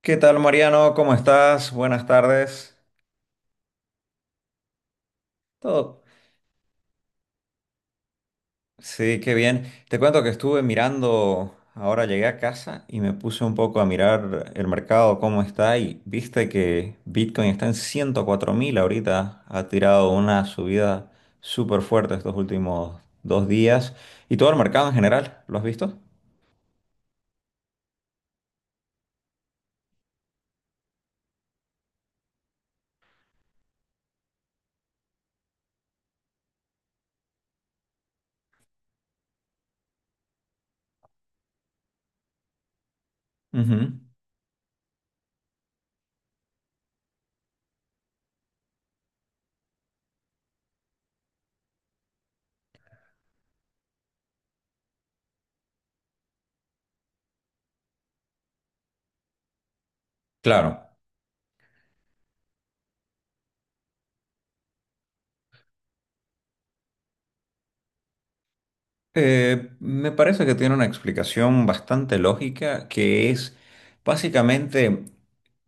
¿Qué tal, Mariano? ¿Cómo estás? Buenas tardes. Todo. Sí, qué bien. Te cuento que estuve mirando, ahora llegué a casa y me puse un poco a mirar el mercado, cómo está, y viste que Bitcoin está en 104.000 ahorita. Ha tirado una subida súper fuerte estos últimos 2 días. Y todo el mercado en general, ¿lo has visto? Ujú. Claro. Me parece que tiene una explicación bastante lógica, que es básicamente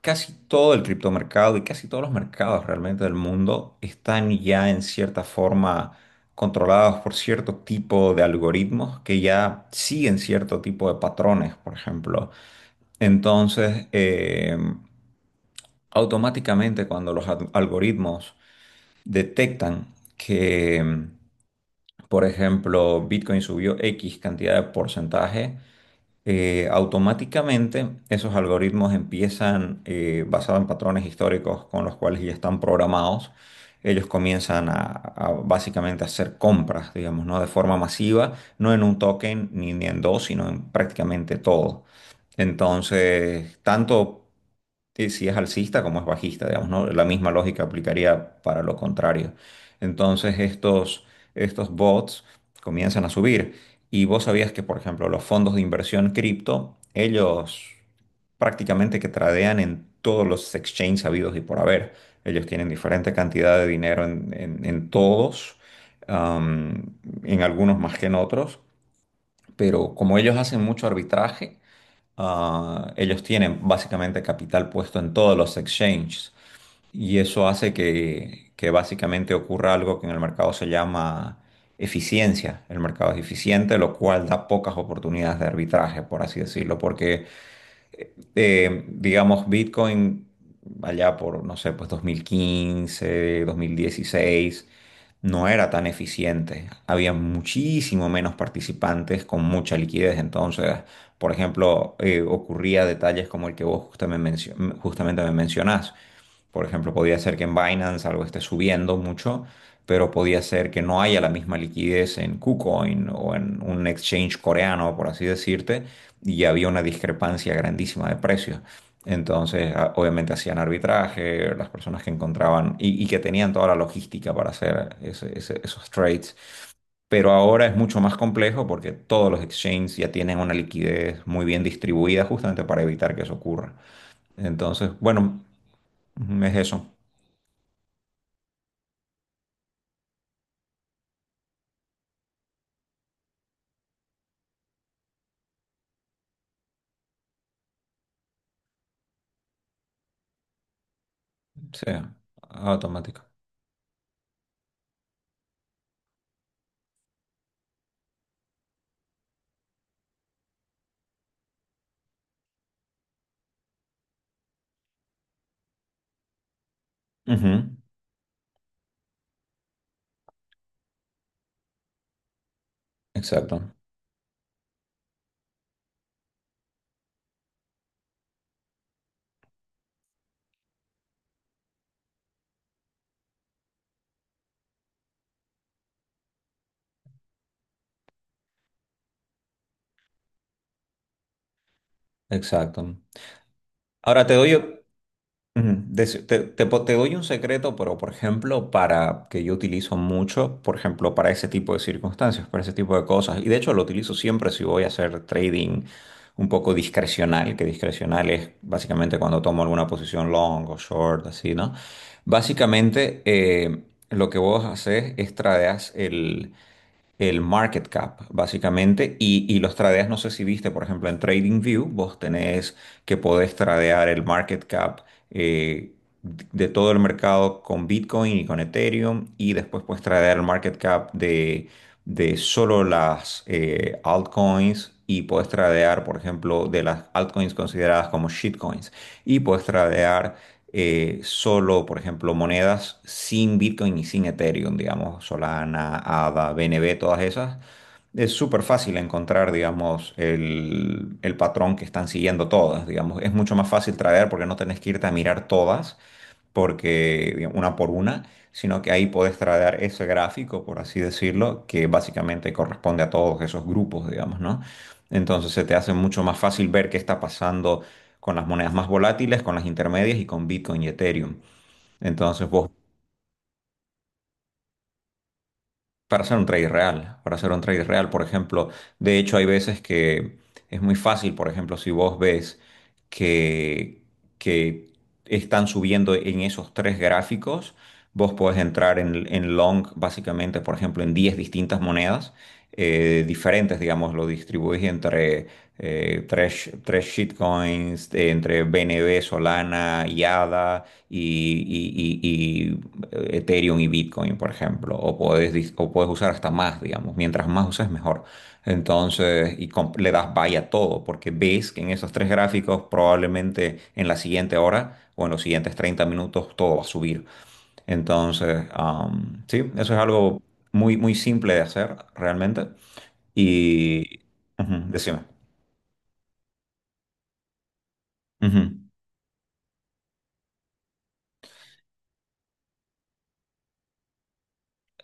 casi todo el criptomercado y casi todos los mercados realmente del mundo están ya en cierta forma controlados por cierto tipo de algoritmos que ya siguen cierto tipo de patrones, por ejemplo. Entonces, automáticamente cuando los algoritmos detectan que, por ejemplo, Bitcoin subió X cantidad de porcentaje, automáticamente esos algoritmos empiezan, basados en patrones históricos con los cuales ya están programados, ellos comienzan a básicamente hacer compras, digamos, ¿no? De forma masiva, no en un token ni en dos, sino en prácticamente todo. Entonces, tanto y si es alcista como es bajista, digamos, ¿no? La misma lógica aplicaría para lo contrario. Entonces estos, Estos bots comienzan a subir. Y vos sabías que, por ejemplo, los fondos de inversión cripto, ellos prácticamente que tradean en todos los exchanges habidos y por haber. Ellos tienen diferente cantidad de dinero en todos, am, en algunos más que en otros, pero como ellos hacen mucho arbitraje, ellos tienen básicamente capital puesto en todos los exchanges y eso hace que básicamente ocurra algo que en el mercado se llama eficiencia. El mercado es eficiente, lo cual da pocas oportunidades de arbitraje, por así decirlo, porque, digamos, Bitcoin allá por, no sé, pues 2015, 2016, no era tan eficiente. Había muchísimo menos participantes con mucha liquidez. Entonces, por ejemplo, ocurría detalles como el que vos justamente, justamente me mencionás. Por ejemplo, podía ser que en Binance algo esté subiendo mucho, pero podía ser que no haya la misma liquidez en KuCoin o en un exchange coreano, por así decirte, y había una discrepancia grandísima de precios. Entonces, obviamente hacían arbitraje, las personas que encontraban y que tenían toda la logística para hacer esos trades. Pero ahora es mucho más complejo porque todos los exchanges ya tienen una liquidez muy bien distribuida justamente para evitar que eso ocurra. Entonces, bueno, ujú, es eso, sea automático. Ujú. Exacto, exacto. Ahora te doy, ujú. Te doy un secreto, pero, por ejemplo, para que yo utilizo mucho, por ejemplo, para ese tipo de circunstancias, para ese tipo de cosas. Y de hecho lo utilizo siempre si voy a hacer trading un poco discrecional, que discrecional es básicamente cuando tomo alguna posición long o short, así, ¿no? Básicamente, lo que vos haces es tradeas el market cap, básicamente, y los tradeas, no sé si viste, por ejemplo, en TradingView, vos tenés que podés tradear el market cap eh, de todo el mercado con Bitcoin y con Ethereum, y después puedes tradear el market cap de solo las altcoins. Y puedes tradear, por ejemplo, de las altcoins consideradas como shitcoins. Y puedes tradear solo, por ejemplo, monedas sin Bitcoin y sin Ethereum, digamos, Solana, ADA, BNB, todas esas. Es súper fácil encontrar, digamos, el patrón que están siguiendo todas, digamos. Es mucho más fácil traer porque no tenés que irte a mirar todas porque digamos, una por una, sino que ahí puedes traer ese gráfico, por así decirlo, que básicamente corresponde a todos esos grupos, digamos, ¿no? Entonces se te hace mucho más fácil ver qué está pasando con las monedas más volátiles, con las intermedias y con Bitcoin y Ethereum. Entonces vos, para hacer un trade real, para hacer un trade real, por ejemplo, de hecho hay veces que es muy fácil, por ejemplo, si vos ves que, que están subiendo en esos tres gráficos, vos podés entrar en long, básicamente, por ejemplo, en 10 distintas monedas diferentes, digamos, lo distribuís entre tres shitcoins, entre BNB, Solana y ADA y Ethereum y Bitcoin, por ejemplo, o puedes, o puedes usar hasta más, digamos, mientras más uses mejor. Entonces, y le das buy a todo, porque ves que en esos tres gráficos probablemente en la siguiente hora o en los siguientes 30 minutos todo va a subir. Entonces, sí, eso es algo muy, muy simple de hacer realmente. Y, ujú, decime. Ujú.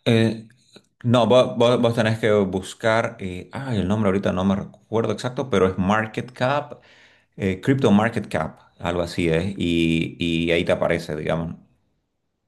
Eh, No, vos tenés que buscar, ay, el nombre ahorita no me recuerdo exacto, pero es Market Cap, Crypto Market Cap, algo así es, y ahí te aparece, digamos.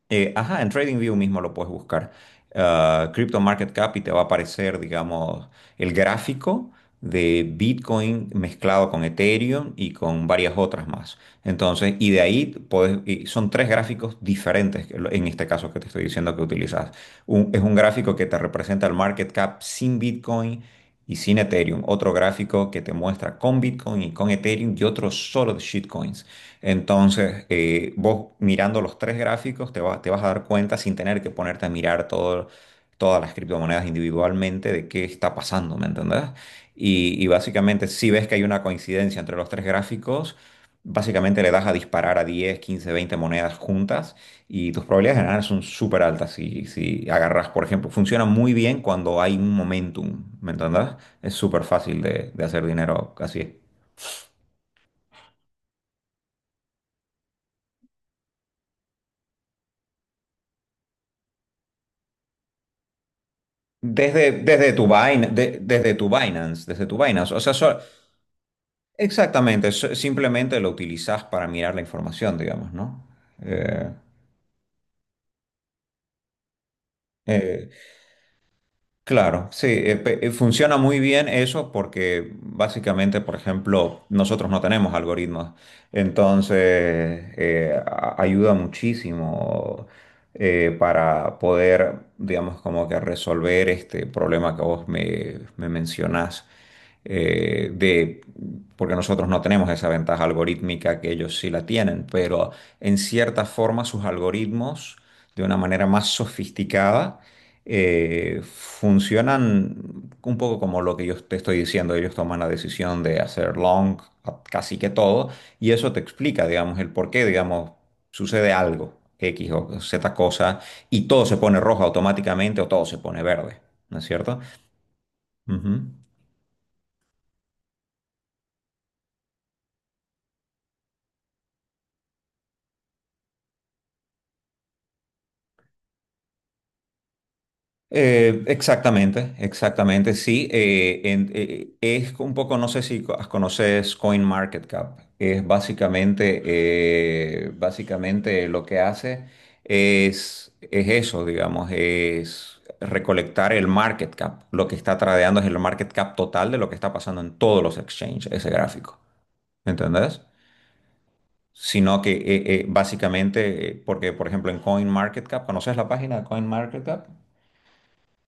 Ajá, en TradingView mismo lo puedes buscar. Ah, Crypto Market Cap y te va a aparecer, digamos, el gráfico de Bitcoin mezclado con Ethereum y con varias otras más. Entonces, y de ahí podés- y son tres gráficos diferentes que en este caso que te estoy diciendo que utilizas. Es un gráfico que te representa el market cap sin Bitcoin y sin Ethereum. Otro gráfico que te muestra con Bitcoin y con Ethereum y otro solo de shitcoins. Entonces, vos mirando los tres gráficos te, te vas a dar cuenta sin tener que ponerte a mirar todas las criptomonedas individualmente de qué está pasando, ¿me entendés? Y básicamente, si ves que hay una coincidencia entre los tres gráficos, básicamente le das a disparar a 10, 15, 20 monedas juntas y tus probabilidades de ganar son súper altas. Si, si agarras, por ejemplo, funciona muy bien cuando hay un momentum, ¿me entendés? Es súper fácil de hacer dinero así. Desde tu desde tu Binance, desde tu Binance. O sea, exactamente, simplemente lo utilizas para mirar la información, digamos, ¿no? Eh, eh, Claro, sí, funciona muy bien eso porque básicamente, por ejemplo, nosotros no tenemos algoritmos, entonces ayuda muchísimo para poder, digamos, como que resolver este problema que vos me mencionás, eh, de, porque nosotros no tenemos esa ventaja algorítmica que ellos sí la tienen, pero en cierta forma sus algoritmos, de una manera más sofisticada, funcionan un poco como lo que yo te estoy diciendo. Ellos toman la decisión de hacer long a casi que todo y eso te explica, digamos, el por qué, digamos, sucede algo, X o Z cosa, y todo se pone rojo automáticamente o todo se pone verde, ¿no es cierto? Ujú. Exactamente, exactamente, sí. Es un poco, no sé si conoces CoinMarketCap. Es básicamente, básicamente lo que hace es eso, digamos, es recolectar el market cap. Lo que está tradeando es el market cap total de lo que está pasando en todos los exchanges, ese gráfico. ¿Entendés? Sino que básicamente, porque por ejemplo en CoinMarketCap, ¿conoces la página de CoinMarketCap?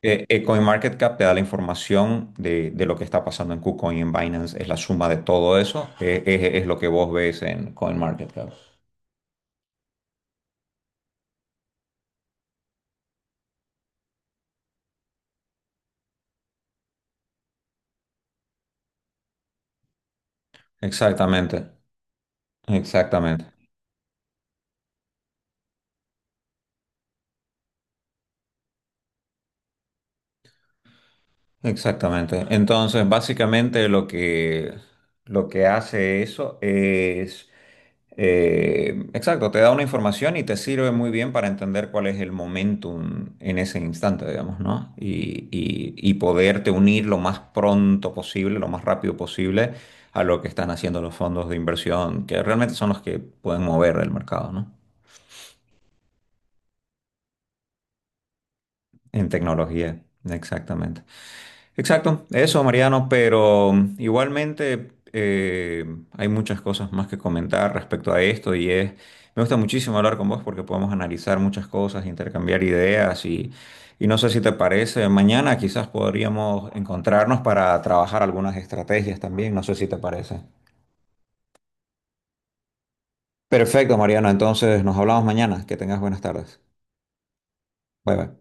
CoinMarketCap te da la información de lo que está pasando en KuCoin y en Binance, es la suma de todo eso, es lo que vos ves en CoinMarketCap. Exactamente, exactamente. Exactamente. Entonces, básicamente lo que hace eso es, exacto, te da una información y te sirve muy bien para entender cuál es el momentum en ese instante, digamos, ¿no? Y poderte unir lo más pronto posible, lo más rápido posible a lo que están haciendo los fondos de inversión, que realmente son los que pueden mover el mercado, ¿no? En tecnología, exactamente. Exacto, eso Mariano, pero igualmente hay muchas cosas más que comentar respecto a esto y es, me gusta muchísimo hablar con vos porque podemos analizar muchas cosas, intercambiar ideas y no sé si te parece, mañana quizás podríamos encontrarnos para trabajar algunas estrategias también, no sé si te parece. Perfecto Mariano, entonces nos hablamos mañana, que tengas buenas tardes. Bye bye.